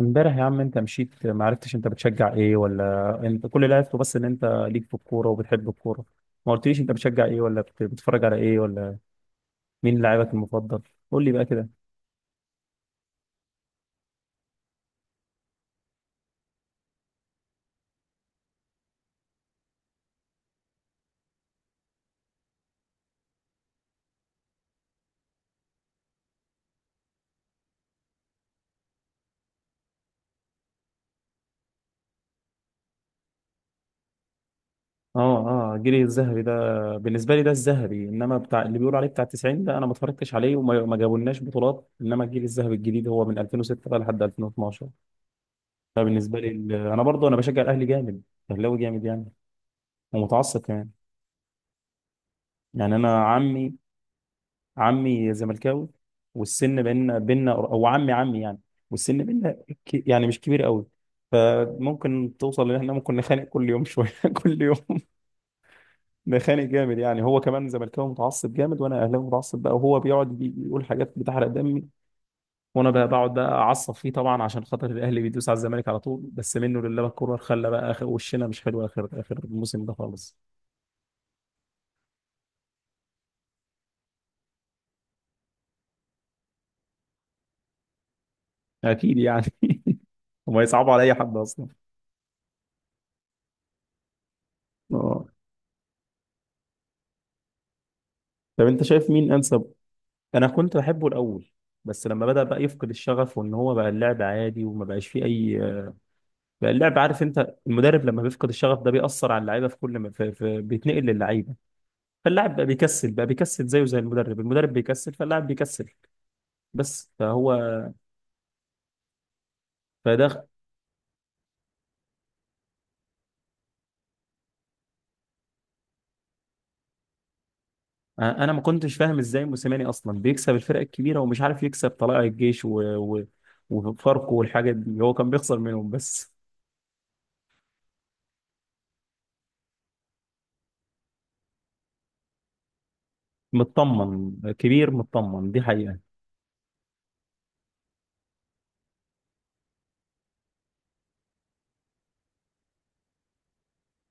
امبارح يا عم انت مشيت، ما عرفتش انت بتشجع ايه، ولا انت كل اللي عرفته بس ان انت ليك في الكوره وبتحب الكوره. ما قلتليش انت بتشجع ايه، ولا بتتفرج على ايه، ولا مين لاعبك المفضل؟ قول لي بقى كده. اه، الجيل الذهبي ده بالنسبه لي ده الذهبي. انما بتاع اللي بيقولوا عليه بتاع 90 ده انا ما اتفرجتش عليه، وما ما جابولناش بطولات. انما الجيل الذهبي الجديد هو من 2006 بقى لحد 2012. فبالنسبه لي انا برضه بشجع الاهلي جامد. اهلاوي جامد يعني، ومتعصب كمان. يعني انا عمي زملكاوي. والسن بيننا، او عمي يعني. والسن بيننا يعني مش كبير قوي. فممكن توصل ان احنا ممكن نخانق كل يوم شويه، كل يوم نخانق جامد. يعني هو كمان زملكاوي متعصب جامد، وانا اهلاوي متعصب بقى. وهو بيقعد بيقول حاجات بتحرق دمي. وانا بقى بقعد بقى اعصب فيه طبعا، عشان خاطر الاهلي بيدوس على الزمالك على طول. بس منه لله الكوره، خلى بقى اخر وشنا مش حلو اخر الموسم ده خالص. اكيد يعني. وما يصعبوا على اي حد اصلا. اه. طب انت شايف مين انسب؟ انا كنت بحبه الاول، بس لما بدأ بقى يفقد الشغف، وان هو بقى اللعب عادي، وما بقاش فيه اي. بقى اللعب، عارف انت المدرب لما بيفقد الشغف ده بيأثر على اللعيبه في كل ما بيتنقل للعيبه. فاللاعب بقى بيكسل زيه زي المدرب بيكسل فاللاعب بيكسل. بس فهو فده، انا ما كنتش فاهم ازاي موسيماني اصلا بيكسب الفرق الكبيره، ومش عارف يكسب طلائع الجيش و... وفاركو والحاجات دي، هو كان بيخسر منهم بس. مطمن كبير، مطمن دي حقيقه.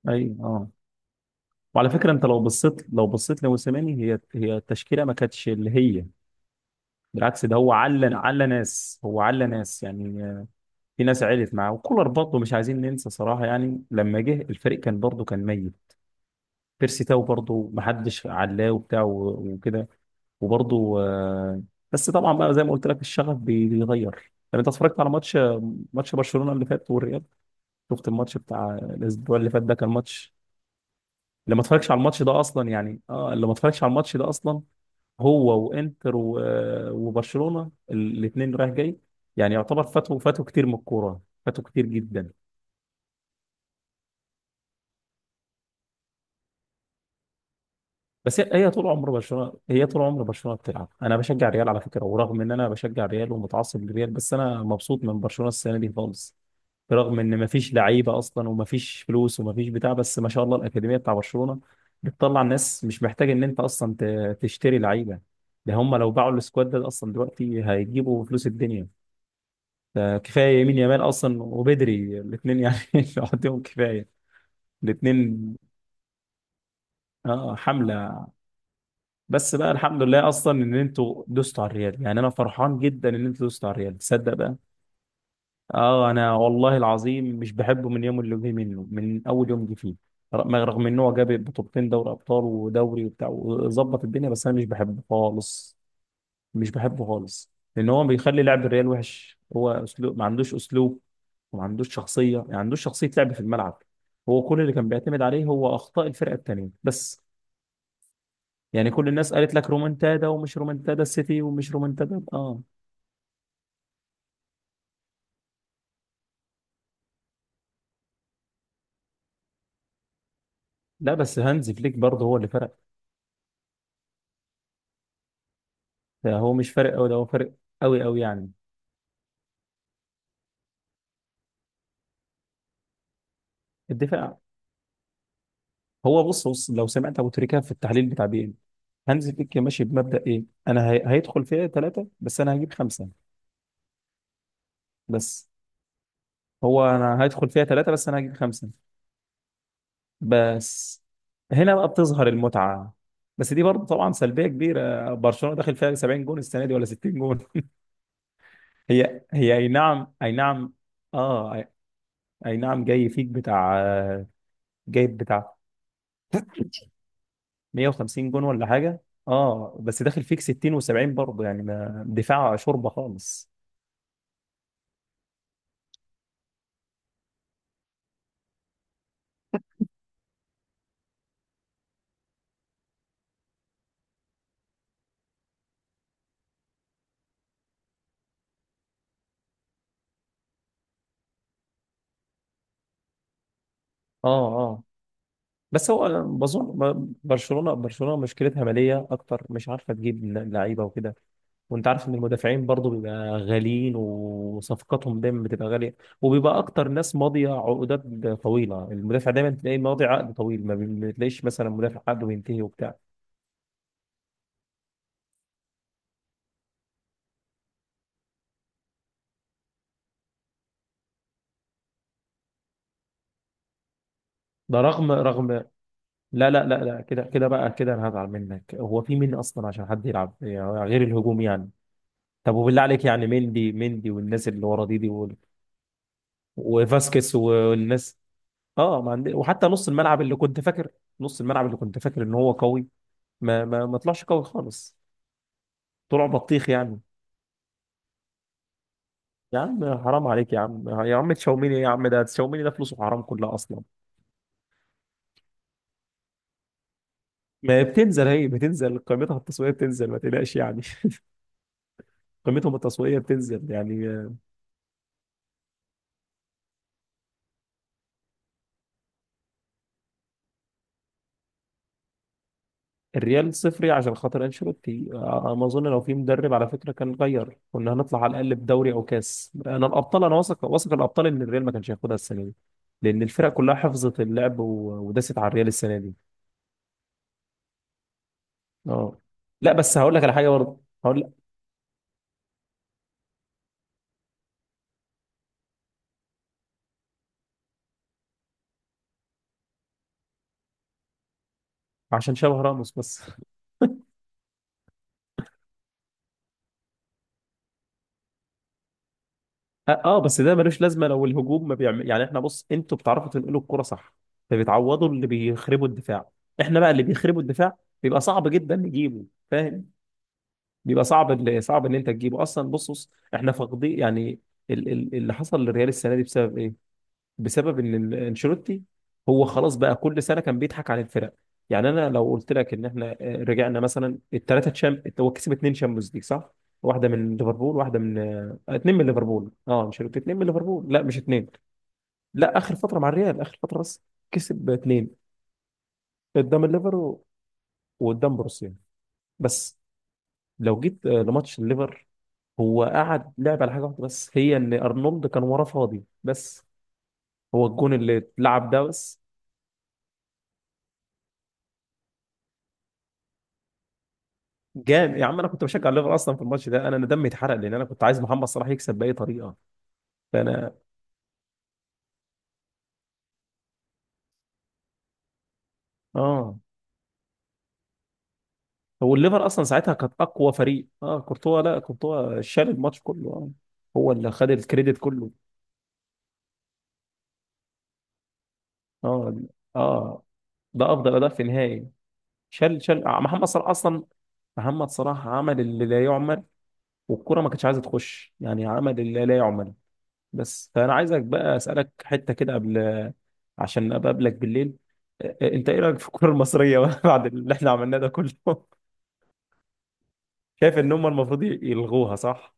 اي اه. وعلى فكره، انت لو بصيت لموسيماني، هي التشكيله ما كانتش اللي هي. بالعكس ده هو على ناس، هو على ناس يعني. في ناس علت معاه. وكولر برضه مش عايزين ننسى صراحه، يعني لما جه الفريق كان برضه كان ميت. بيرسي تاو برضه ما حدش علاه وبتاع وكده وبرضه بس طبعا بقى زي ما قلت لك الشغف بيغير. طب انت اتفرجت على ماتش برشلونه اللي فات والريال؟ شفت الماتش بتاع الاسبوع اللي فات ده؟ كان ماتش. اللي ما اتفرجش على الماتش ده اصلا يعني، اه، اللي ما اتفرجش على الماتش ده اصلا. هو وانتر وبرشلونه الاثنين رايح جاي. يعني يعتبر فاتوا كتير من الكوره، فاتوا كتير جدا. بس هي طول عمر برشلونه بتلعب. انا بشجع الريال على فكره. ورغم ان انا بشجع الريال ومتعصب للريال، بس انا مبسوط من برشلونه السنه دي خالص. برغم ان مفيش لعيبه اصلا ومفيش فلوس ومفيش بتاع، بس ما شاء الله الاكاديميه بتاع برشلونه بتطلع ناس. مش محتاج ان انت اصلا تشتري لعيبه. ده هم لو باعوا السكواد ده اصلا دلوقتي هيجيبوا فلوس الدنيا. ده كفايه يمين يامال اصلا وبدري الاثنين يعني، لوحدهم كفايه الاثنين. اه حمله. بس بقى الحمد لله اصلا ان انتوا دوستوا على الريال، يعني انا فرحان جدا ان انتوا دوستوا على الريال، تصدق بقى. اه. انا والله العظيم مش بحبه من يوم اللي جه منه، من اول يوم جه فيه. رغم ان هو جاب بطولتين دوري ابطال ودوري وبتاع وظبط الدنيا، بس انا مش بحبه خالص. مش بحبه خالص لان هو بيخلي لعب الريال وحش. هو اسلوب ما عندوش اسلوب، وما عندوش شخصيه، يعني ما عندوش شخصيه لعب في الملعب. هو كل اللي كان بيعتمد عليه هو اخطاء الفرقه التانيه بس. يعني كل الناس قالت لك رومنتادا ومش رومنتادا السيتي، ومش رومنتادا اه. لا بس هانز فليك برضه هو اللي فرق. ده هو مش فارق قوي، ده هو فارق قوي قوي يعني. الدفاع. هو بص بص لو سمعت ابو تريكه في التحليل بتاع بي ان، هانز فليك ماشي بمبدأ ايه؟ انا هيدخل فيها ثلاثة، بس انا هجيب خمسة. بس هو انا هدخل فيها ثلاثة، بس انا هجيب خمسة. بس هنا بقى بتظهر المتعة. بس دي برضه طبعا سلبية كبيرة. برشلونة داخل فيها 70 جون السنة دي، ولا 60 جون. هي، اي نعم، اي نعم، اه، اي، أي نعم. جاي فيك بتاع، جايب بتاع 150 جون ولا حاجة. اه، بس داخل فيك 60 و70 برضه، يعني ما دفاع شوربة خالص. اه اه. بس هو بظن برشلونة مشكلتها مالية اكتر، مش عارفة تجيب لعيبة وكده. وانت عارف ان المدافعين برضو بيبقى غاليين، وصفقاتهم دايما بتبقى غاليه. وبيبقى اكتر ناس ماضيه عقودات طويله. المدافع دايما تلاقيه ماضي عقد طويل، ما بتلاقيش مثلا مدافع عقده بينتهي وبتاع. ده رغم رغم لا لا لا لا، كده كده بقى كده انا هزعل منك. هو في مين اصلا عشان حد يلعب، يعني غير الهجوم يعني. طب وبالله عليك، يعني مندي مندي والناس اللي ورا دي دي وفاسكيز والناس. اه، ما عندي. وحتى نص الملعب اللي كنت فاكر ان هو قوي، ما طلعش قوي خالص. طلع بطيخ يعني. يا عم حرام عليك، يا عم يا عم تشاوميني، يا عم ده تشاوميني ده فلوسه حرام كلها اصلا. ما هي بتنزل قيمتها التسويقيه بتنزل، ما تقلقش يعني. قيمتهم التسويقيه بتنزل يعني الريال صفري عشان خاطر انشيلوتي. ما اظن لو في مدرب على فكره كان غير، كنا هنطلع على الاقل بدوري او كاس، انا الابطال، انا واثق واثق الابطال ان الريال ما كانش هياخدها السنه دي. لان الفرق كلها حفظت اللعب وداست على الريال السنه دي. اه. لا بس هقول لك على حاجه برضه، هقول لك عشان شبه راموس بس. اه بس ده ملوش لازمه لو الهجوم ما بيعمل يعني. احنا بص، انتوا بتعرفوا تنقلوا الكرة صح، فبتعوضوا اللي بيخربوا الدفاع. احنا بقى اللي بيخربوا الدفاع بيبقى صعب جدا نجيبه. فاهم؟ بيبقى صعب. اللي صعب ان انت تجيبه اصلا. بص بص احنا فاقدين يعني اللي حصل للريال السنه دي بسبب ايه؟ بسبب ان انشيلوتي. هو خلاص بقى كل سنه كان بيضحك على الفرق. يعني انا لو قلت لك ان احنا رجعنا مثلا الثلاثه تشام، هو كسب اثنين شامبيونز ليج صح؟ واحده من ليفربول، واحده من اتنين من ليفربول، اه انشيلوتي اتنين من ليفربول، لا مش اتنين. لا اخر فتره، مع الريال اخر فتره بس كسب اتنين. قدام الليفر وقدام بروسيا بس. لو جيت لماتش الليفر، هو قعد لعب على حاجه واحده بس، هي ان ارنولد كان وراه فاضي بس. هو الجون اللي اتلعب ده بس. جام يا عم، انا كنت بشجع الليفر اصلا في الماتش ده، انا دمي اتحرق، لان انا كنت عايز محمد صلاح يكسب باي طريقه فانا. اه. هو الليفر اصلا ساعتها كانت اقوى فريق. اه كورتوا، لا كورتوا شال الماتش كله. اه. هو اللي خد الكريدت كله. اه اه، ده افضل اداء في نهائي. شال شال محمد صلاح اصلا. محمد صلاح عمل اللي لا يعمل، والكره ما كانتش عايزه تخش. يعني عمل اللي لا يعمل. بس فانا عايزك بقى اسالك حته كده قبل، عشان ابقى اقابلك بالليل. انت ايه رايك في الكره المصريه بعد اللي احنا عملناه ده كله؟ شايف ان هم المفروض يلغوها صح؟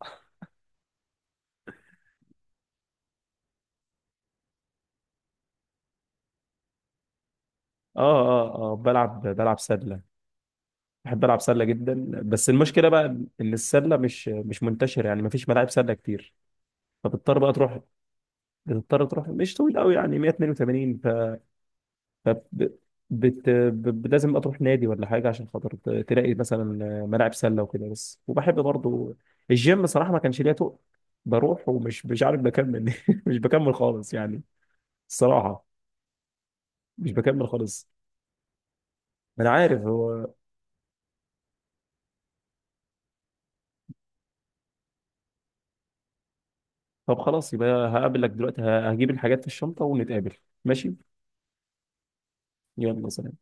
اه. اه. اه. بلعب سله. بحب العب سله جدا، بس المشكله بقى ان السله مش منتشره يعني، مفيش ملاعب سله كتير. فبتضطر بقى تروح. بتضطر تروح مش طويل قوي يعني 182. طب لازم اروح نادي ولا حاجه عشان خاطر تلاقي مثلا ملاعب سله وكده بس. وبحب برضو الجيم صراحه، ما كانش ليا تقل. بروح ومش مش عارف بكمل. مش بكمل خالص يعني، الصراحه. مش بكمل خالص. ما انا عارف هو. طب خلاص، يبقى هقابلك دلوقتي، هجيب الحاجات في الشنطه ونتقابل. ماشي. يلا سلام.